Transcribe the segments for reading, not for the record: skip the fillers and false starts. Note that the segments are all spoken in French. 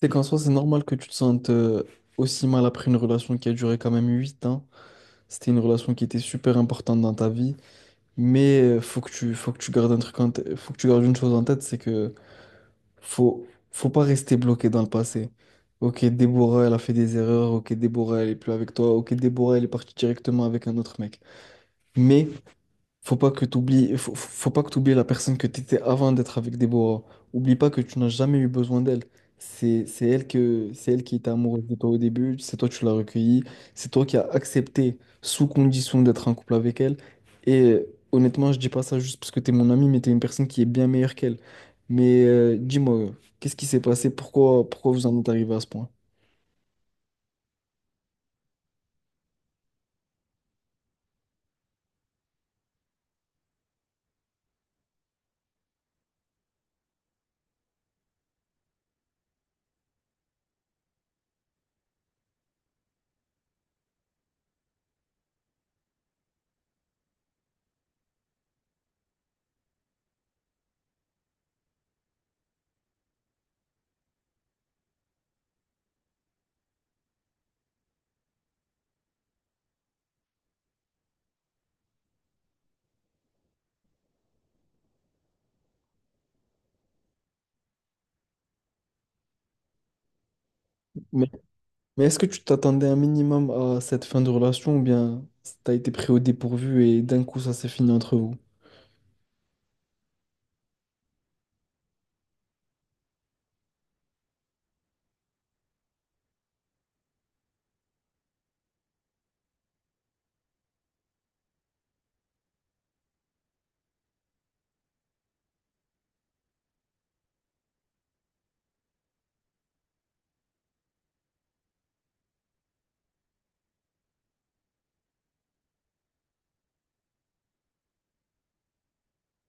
C'est qu'en soi, c'est normal que tu te sentes aussi mal après une relation qui a duré quand même 8 ans. C'était une relation qui était super importante dans ta vie. Mais faut que tu gardes un truc en tête- faut que tu gardes une chose en tête, c'est que faut, faut pas rester bloqué dans le passé. Ok, Déborah, elle a fait des erreurs. Ok, Déborah, elle est plus avec toi. Ok, Déborah, elle est partie directement avec un autre mec. Mais faut pas que t'oublies la personne que t'étais avant d'être avec Déborah. Oublie pas que tu n'as jamais eu besoin d'elle. C'est elle qui était amoureuse de toi au début. C'est toi qui l'as recueillie. C'est toi qui as accepté sous condition d'être en couple avec elle. Et honnêtement, je dis pas ça juste parce que t'es mon ami, mais t'es une personne qui est bien meilleure qu'elle. Mais dis-moi, qu'est-ce qui s'est passé? Pourquoi vous en êtes arrivé à ce point? Mais est-ce que tu t'attendais un minimum à cette fin de relation ou bien t'as été pris au dépourvu et d'un coup ça s'est fini entre vous?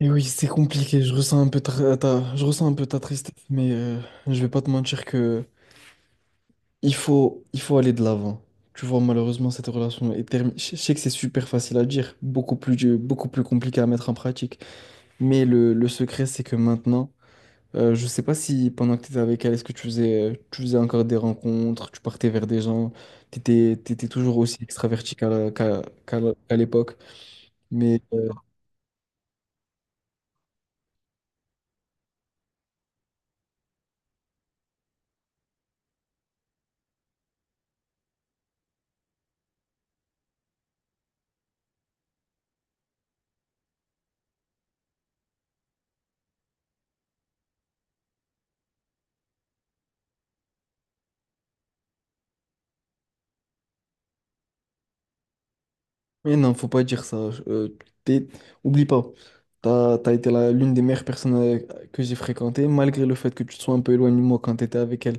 Et oui, c'est compliqué, je ressens un peu ta tristesse, mais je vais pas te mentir que il faut aller de l'avant. Tu vois, malheureusement, cette relation est terminée. Je sais que c'est super facile à dire, beaucoup plus compliqué à mettre en pratique. Mais le secret, c'est que maintenant, je sais pas si pendant que tu étais avec elle, est-ce que tu faisais encore des rencontres, tu partais vers des gens, tu étais toujours aussi extraverti qu'à l'époque. Mais Mais non, faut pas dire ça. Euh, t'es- Oublie pas, t'as été l'une des meilleures personnes que j'ai fréquentées, malgré le fait que tu te sois un peu éloigné de moi quand t'étais avec elle.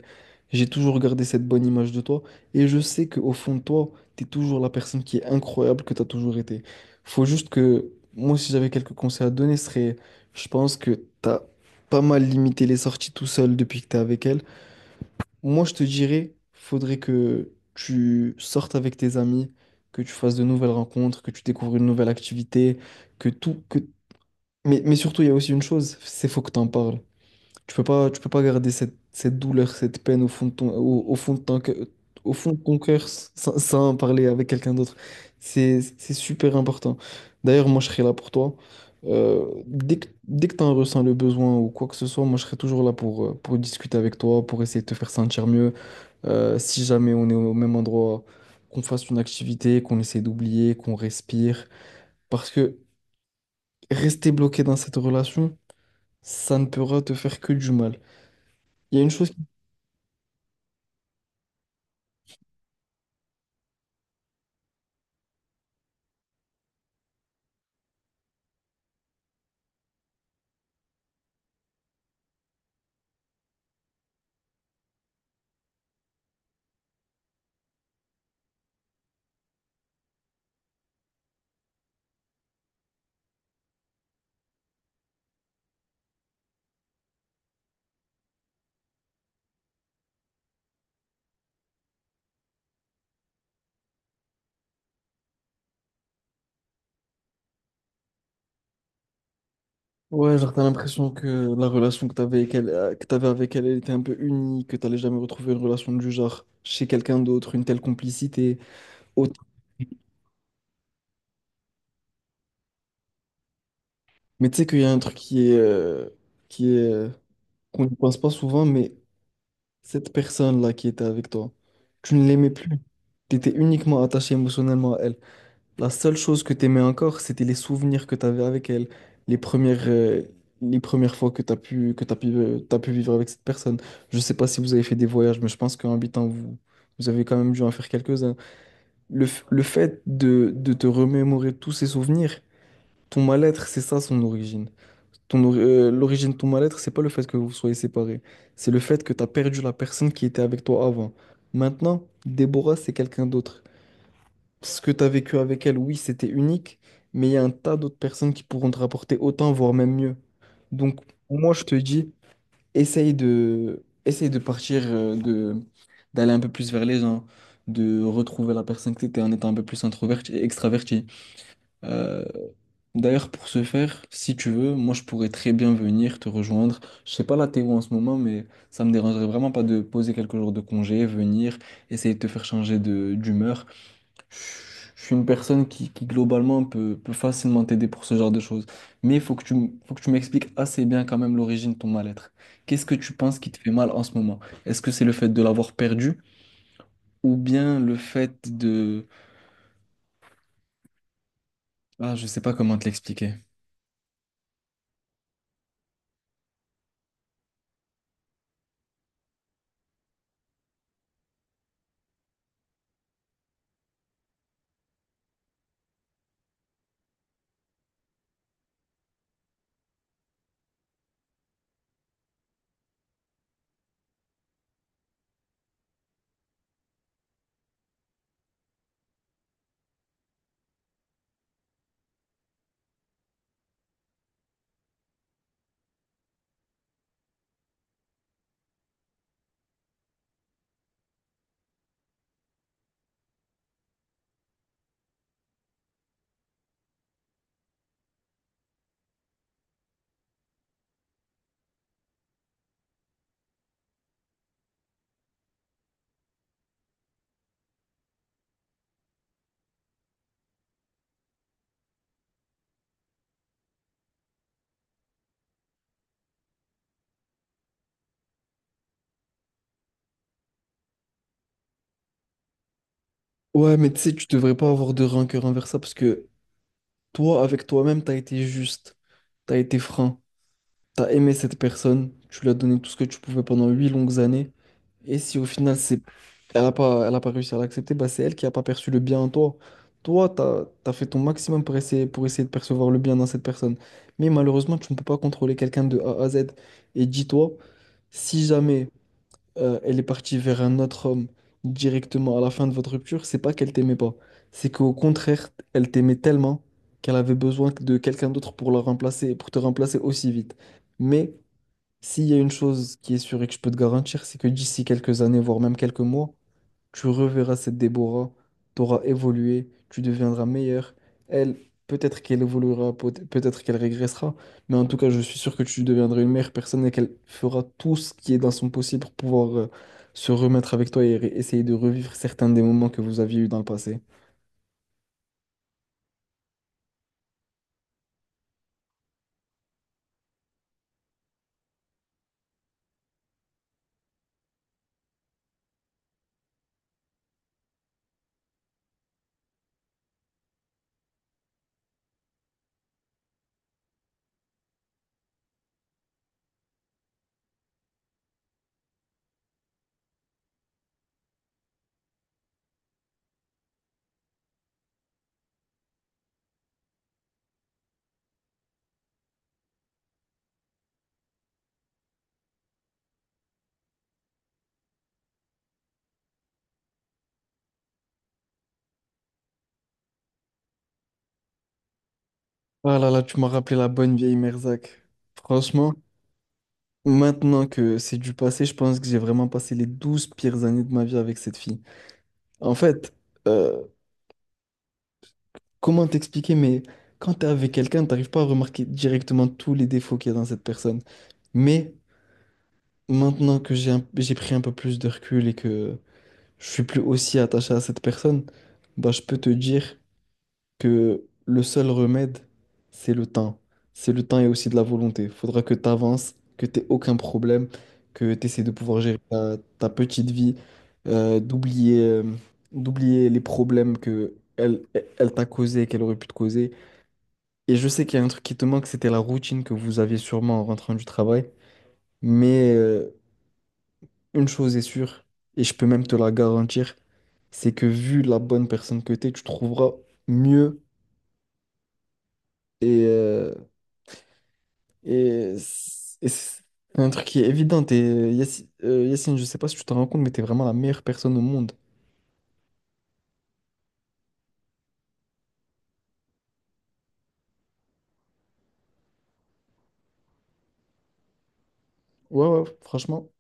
J'ai toujours gardé cette bonne image de toi, et je sais qu'au fond de toi, t'es toujours la personne qui est incroyable que t'as toujours été. Faut juste que, moi, si j'avais quelques conseils à te donner, ce serait, je pense que t'as pas mal limité les sorties tout seul depuis que t'es avec elle. Moi, je te dirais, faudrait que tu sortes avec tes amis, que tu fasses de nouvelles rencontres, que tu découvres une nouvelle activité, que tout, que... mais surtout, il y a aussi une chose, c'est faut que tu en parles. Tu peux pas garder cette douleur, cette peine au fond de ton cœur sans en parler avec quelqu'un d'autre. C'est super important. D'ailleurs, moi, je serai là pour toi. Dès que tu en ressens le besoin ou quoi que ce soit, moi, je serai toujours là pour discuter avec toi, pour essayer de te faire sentir mieux. Si jamais on est au même endroit, qu'on fasse une activité, qu'on essaie d'oublier, qu'on respire. Parce que rester bloqué dans cette relation, ça ne pourra te faire que du mal. Il y a une chose qui... Ouais, genre, t'as l'impression que la relation que t'avais avec elle, que t'avais avec elle, elle était un peu unique, que t'allais jamais retrouver une relation du genre chez quelqu'un d'autre, une telle complicité, autre. Mais tu sais qu'il y a un truc qui est... euh, qu'on ne pense pas souvent, mais cette personne-là qui était avec toi, tu ne l'aimais plus. T'étais uniquement attaché émotionnellement à elle. La seule chose que t'aimais encore, c'était les souvenirs que t'avais avec elle, les premières, euh, les premières fois t'as pu vivre avec cette personne. Je sais pas si vous avez fait des voyages, mais je pense qu'en habitant, vous, vous avez quand même dû en faire quelques-uns. Le fait de te remémorer tous ces souvenirs, ton mal-être, c'est ça son origine. L'origine de ton mal-être, c'est pas le fait que vous soyez séparés, c'est le fait que t'as perdu la personne qui était avec toi avant. Maintenant, Déborah, c'est quelqu'un d'autre. Ce que tu as vécu avec elle, oui, c'était unique, mais il y a un tas d'autres personnes qui pourront te rapporter autant, voire même mieux. Donc, moi, je te dis, essaye de partir, d'aller un peu plus vers les gens, de retrouver la personne que tu étais en étant un peu plus introverti et extraverti. Euh, d'ailleurs, pour ce faire, si tu veux, moi, je pourrais très bien venir te rejoindre. Je sais pas là, t'es où en ce moment, mais ça me dérangerait vraiment pas de poser quelques jours de congé, venir, essayer de te faire changer de, d'humeur. Je suis une personne qui globalement peut facilement t'aider pour ce genre de choses. Mais il faut que faut que tu m'expliques assez bien quand même l'origine de ton mal-être. Qu'est-ce que tu penses qui te fait mal en ce moment? Est-ce que c'est le fait de l'avoir perdu ou bien le fait de... Ah, je sais pas comment te l'expliquer. Ouais, mais tu sais, tu devrais pas avoir de rancœur envers ça parce que toi, avec toi-même, t'as été franc. T'as aimé cette personne, tu lui as donné tout ce que tu pouvais pendant 8 longues années, et si au elle a pas réussi à l'accepter, bah c'est elle qui a pas perçu le bien en toi. Toi, t'as fait ton maximum pour essayer de percevoir le bien dans cette personne, mais malheureusement tu ne peux pas contrôler quelqu'un de A à Z. Et dis-toi, si jamais elle est partie vers un autre homme directement à la fin de votre rupture, c'est pas qu'elle t'aimait pas, c'est qu'au contraire elle t'aimait tellement qu'elle avait besoin de quelqu'un d'autre pour la remplacer, pour te remplacer aussi vite. Mais s'il y a une chose qui est sûre et que je peux te garantir, c'est que d'ici quelques années, voire même quelques mois, tu reverras cette Déborah, t'auras évolué, tu deviendras meilleur. Elle, peut-être qu'elle évoluera, peut-être qu'elle régressera, mais en tout cas, je suis sûr que tu deviendras une meilleure personne et qu'elle fera tout ce qui est dans son possible pour pouvoir se remettre avec toi et essayer de revivre certains des moments que vous aviez eus dans le passé. Ah là là, tu m'as rappelé la bonne vieille Merzak. Franchement. Maintenant que c'est du passé, je pense que j'ai vraiment passé les 12 pires années de ma vie avec cette fille. En fait, euh, comment t'expliquer, mais quand t'es avec quelqu'un, t'arrives pas à remarquer directement tous les défauts qu'il y a dans cette personne. Mais maintenant j'ai pris un peu plus de recul et que je suis plus aussi attaché à cette personne, bah, je peux te dire que le seul remède, c'est le temps. C'est le temps et aussi de la volonté. Faudra que tu avances, que tu aucun problème, que tu essaies de pouvoir gérer ta petite vie, euh, d'oublier euh, d'oublier les problèmes que elle t'a causé, qu'elle aurait pu te causer. Et je sais qu'il y a un truc qui te manque, c'était la routine que vous aviez sûrement en rentrant du travail. Mais une chose est sûre, et je peux même te la garantir, c'est que vu la bonne personne que tu es, tu trouveras mieux. Et, euh, Et c'est et c'est un truc qui est évident. Et Yacine, Yacine, je sais pas si tu te rends compte, mais t'es vraiment la meilleure personne au monde. Ouais, ouais, franchement.